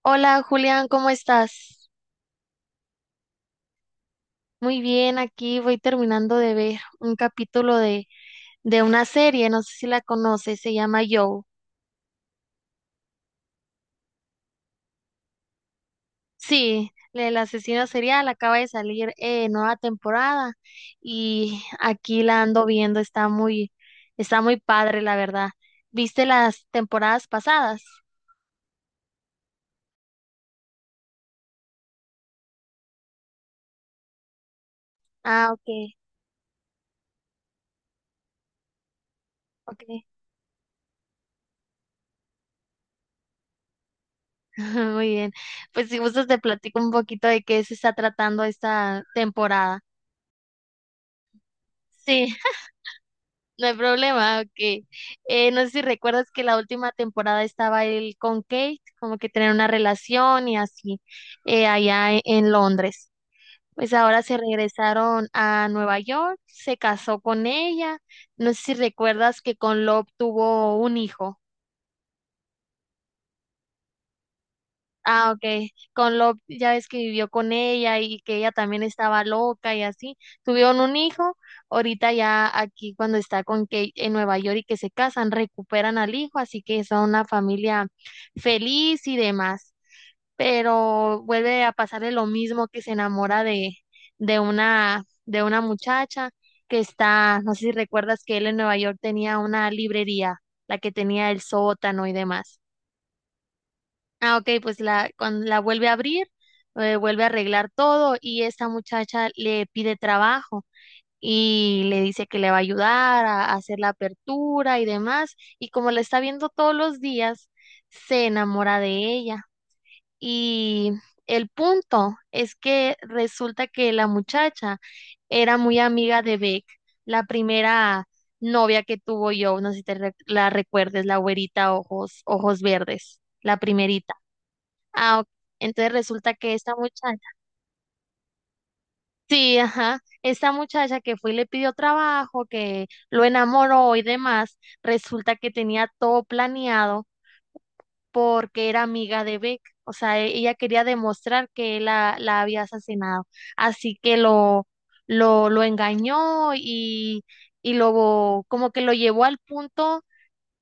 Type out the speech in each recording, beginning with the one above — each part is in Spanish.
Hola Julián, ¿cómo estás? Muy bien, aquí voy terminando de ver un capítulo de una serie, no sé si la conoces, se llama Joe. Sí, el asesino serial acaba de salir nueva temporada y aquí la ando viendo, está está muy padre, la verdad. ¿Viste las temporadas pasadas? Ah, ok, ok, muy bien. Pues si gustas te platico un poquito de qué se está tratando esta temporada. Sí. No hay problema, ok. No sé si recuerdas que la última temporada estaba él con Kate, como que tener una relación y así, allá en Londres. Pues ahora se regresaron a Nueva York, se casó con ella. No sé si recuerdas que con Love tuvo un hijo. Ah, ok. Con Love, ya ves que vivió con ella y que ella también estaba loca y así. Tuvieron un hijo. Ahorita ya aquí cuando está con Kate en Nueva York y que se casan, recuperan al hijo, así que son una familia feliz y demás. Pero vuelve a pasarle lo mismo, que se enamora de una muchacha que está, no sé si recuerdas que él en Nueva York tenía una librería, la que tenía el sótano y demás. Ah, ok, pues cuando la vuelve a abrir, vuelve a arreglar todo y esta muchacha le pide trabajo y le dice que le va a ayudar a hacer la apertura y demás. Y como la está viendo todos los días, se enamora de ella. Y el punto es que resulta que la muchacha era muy amiga de Beck, la primera novia que tuvo. Yo no sé si la recuerdes, la güerita ojos, ojos verdes, la primerita. Ah, ok. Entonces resulta que esta muchacha, sí, ajá, esta muchacha que fue y le pidió trabajo, que lo enamoró y demás, resulta que tenía todo planeado porque era amiga de Beck. O sea, ella quería demostrar que él la había asesinado. Así que lo engañó y luego como que lo llevó al punto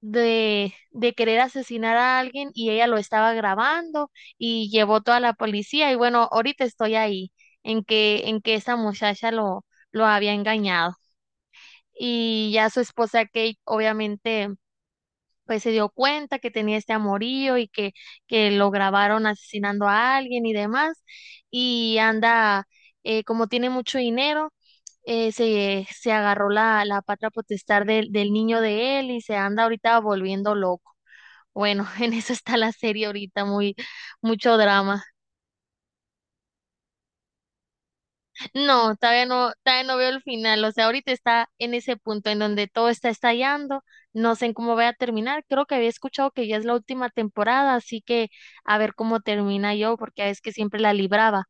de querer asesinar a alguien y ella lo estaba grabando y llevó toda la policía y bueno, ahorita estoy ahí en que esa muchacha lo había engañado, y ya su esposa Kate obviamente pues se dio cuenta que tenía este amorío y que lo grabaron asesinando a alguien y demás. Y anda, como tiene mucho dinero, se agarró la patria potestad del niño de él y se anda ahorita volviendo loco. Bueno, en eso está la serie ahorita, mucho drama. No, todavía no, todavía no veo el final. O sea, ahorita está en ese punto en donde todo está estallando. No sé en cómo va a terminar. Creo que había escuchado que ya es la última temporada, así que a ver cómo termina, yo porque es que siempre la libraba.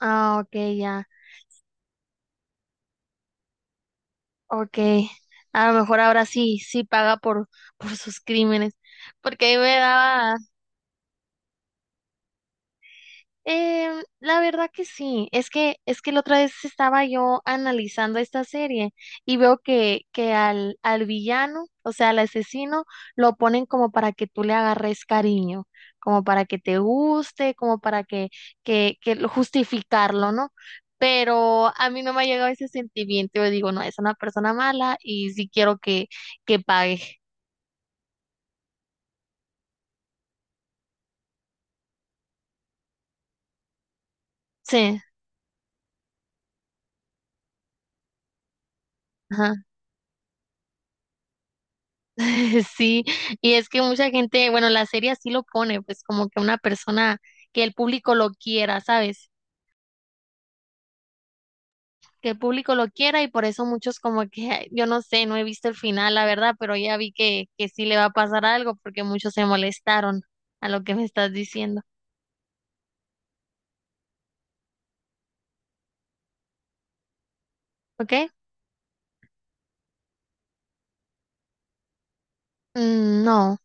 Ah, ok, ya, ok. A lo mejor ahora sí paga por sus crímenes, porque a mí me daba, em, la verdad que sí. Es que es que la otra vez estaba yo analizando esta serie y veo que al villano, o sea, al asesino, lo ponen como para que tú le agarres cariño, como para que te guste, como para justificarlo, ¿no? Pero a mí no me ha llegado ese sentimiento, yo digo, no, es una persona mala y sí quiero que pague. Sí, ajá. Sí, y es que mucha gente, bueno, la serie así lo pone, pues como que una persona que el público lo quiera, ¿sabes? Que el público lo quiera, y por eso muchos como que, ay, yo no sé, no he visto el final, la verdad, pero ya vi que sí le va a pasar algo porque muchos se molestaron a lo que me estás diciendo, ¿ok? Mm, no,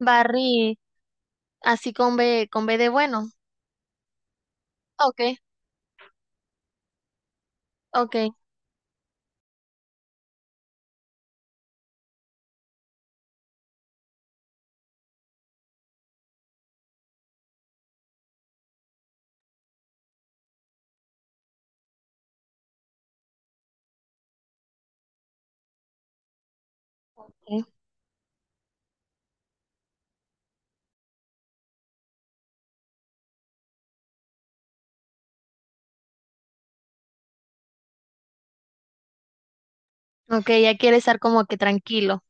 Barry, así con B de bueno, ok, ok, ok, ok, ya quiere estar como que tranquilo,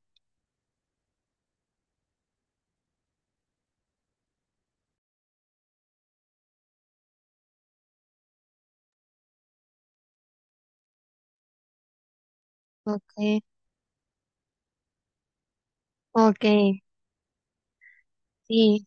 ok, ok, sí.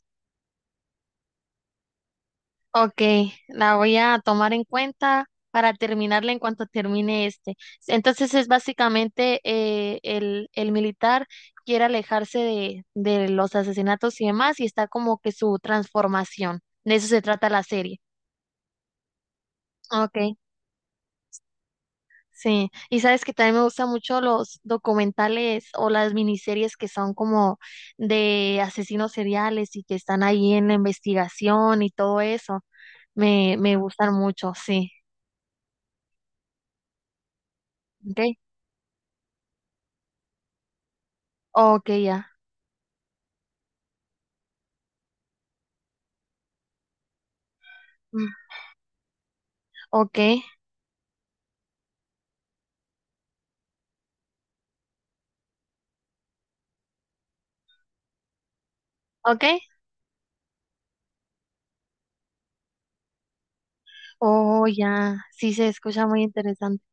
Ok, la voy a tomar en cuenta para terminarla en cuanto termine este. Entonces es básicamente el militar quiere alejarse de los asesinatos y demás y está como que su transformación. De eso se trata la serie. Ok, sí. Y sabes que también me gustan mucho los documentales o las miniseries que son como de asesinos seriales y que están ahí en la investigación y todo eso. Me gustan mucho, sí. Ok. Ok, ya. Mm, ok, ok. Oh, ya. Sí se escucha muy interesante.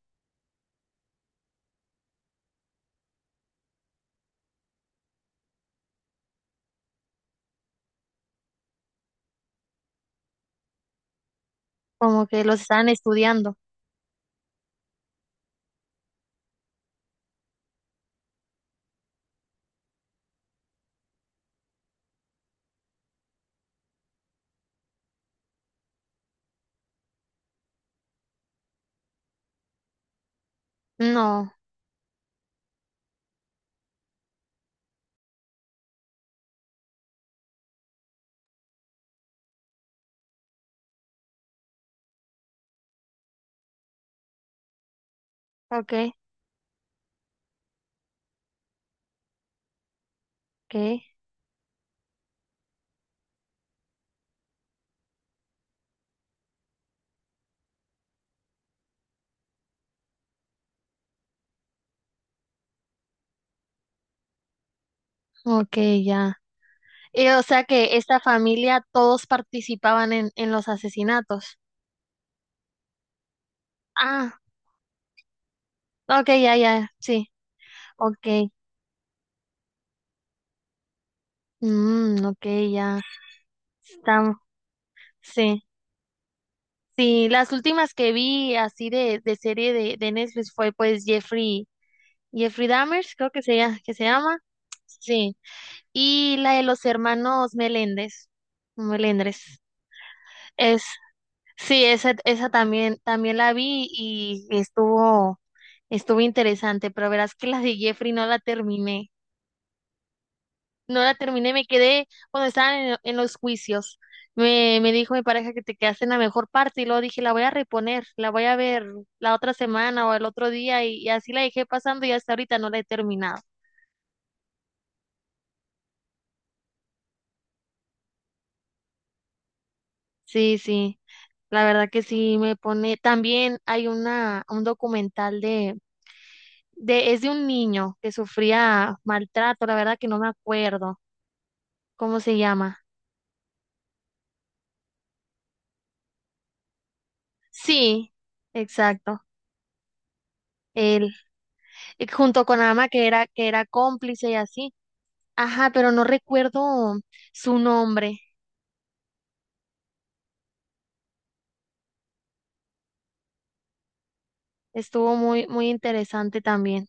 Como que los están estudiando. No. Ok, ok. Ok, ya. Y, o sea, que esta familia todos participaban en los asesinatos. Ah, ok, ya, ya. Sí. Ok. Mm, ok, ya. Estamos. Sí. Sí, las últimas que vi así de Netflix fue pues Jeffrey, Jeffrey Dahmer, creo que que se llama. Sí. Y la de los hermanos Meléndez, Melendres, es, sí, esa también, también la vi y estuvo interesante, pero verás que la de Jeffrey no la terminé, no la terminé, me quedé cuando estaban en los juicios. Me dijo mi pareja que te quedaste en la mejor parte y luego dije, la voy a reponer, la voy a ver la otra semana o el otro día, y así la dejé pasando y hasta ahorita no la he terminado. Sí, sí. La verdad que sí me pone. También hay un documental es de un niño que sufría maltrato, la verdad que no me acuerdo cómo se llama. Sí, exacto. Él, junto con Ama, que era cómplice y así. Ajá, pero no recuerdo su nombre. Estuvo muy, muy interesante también.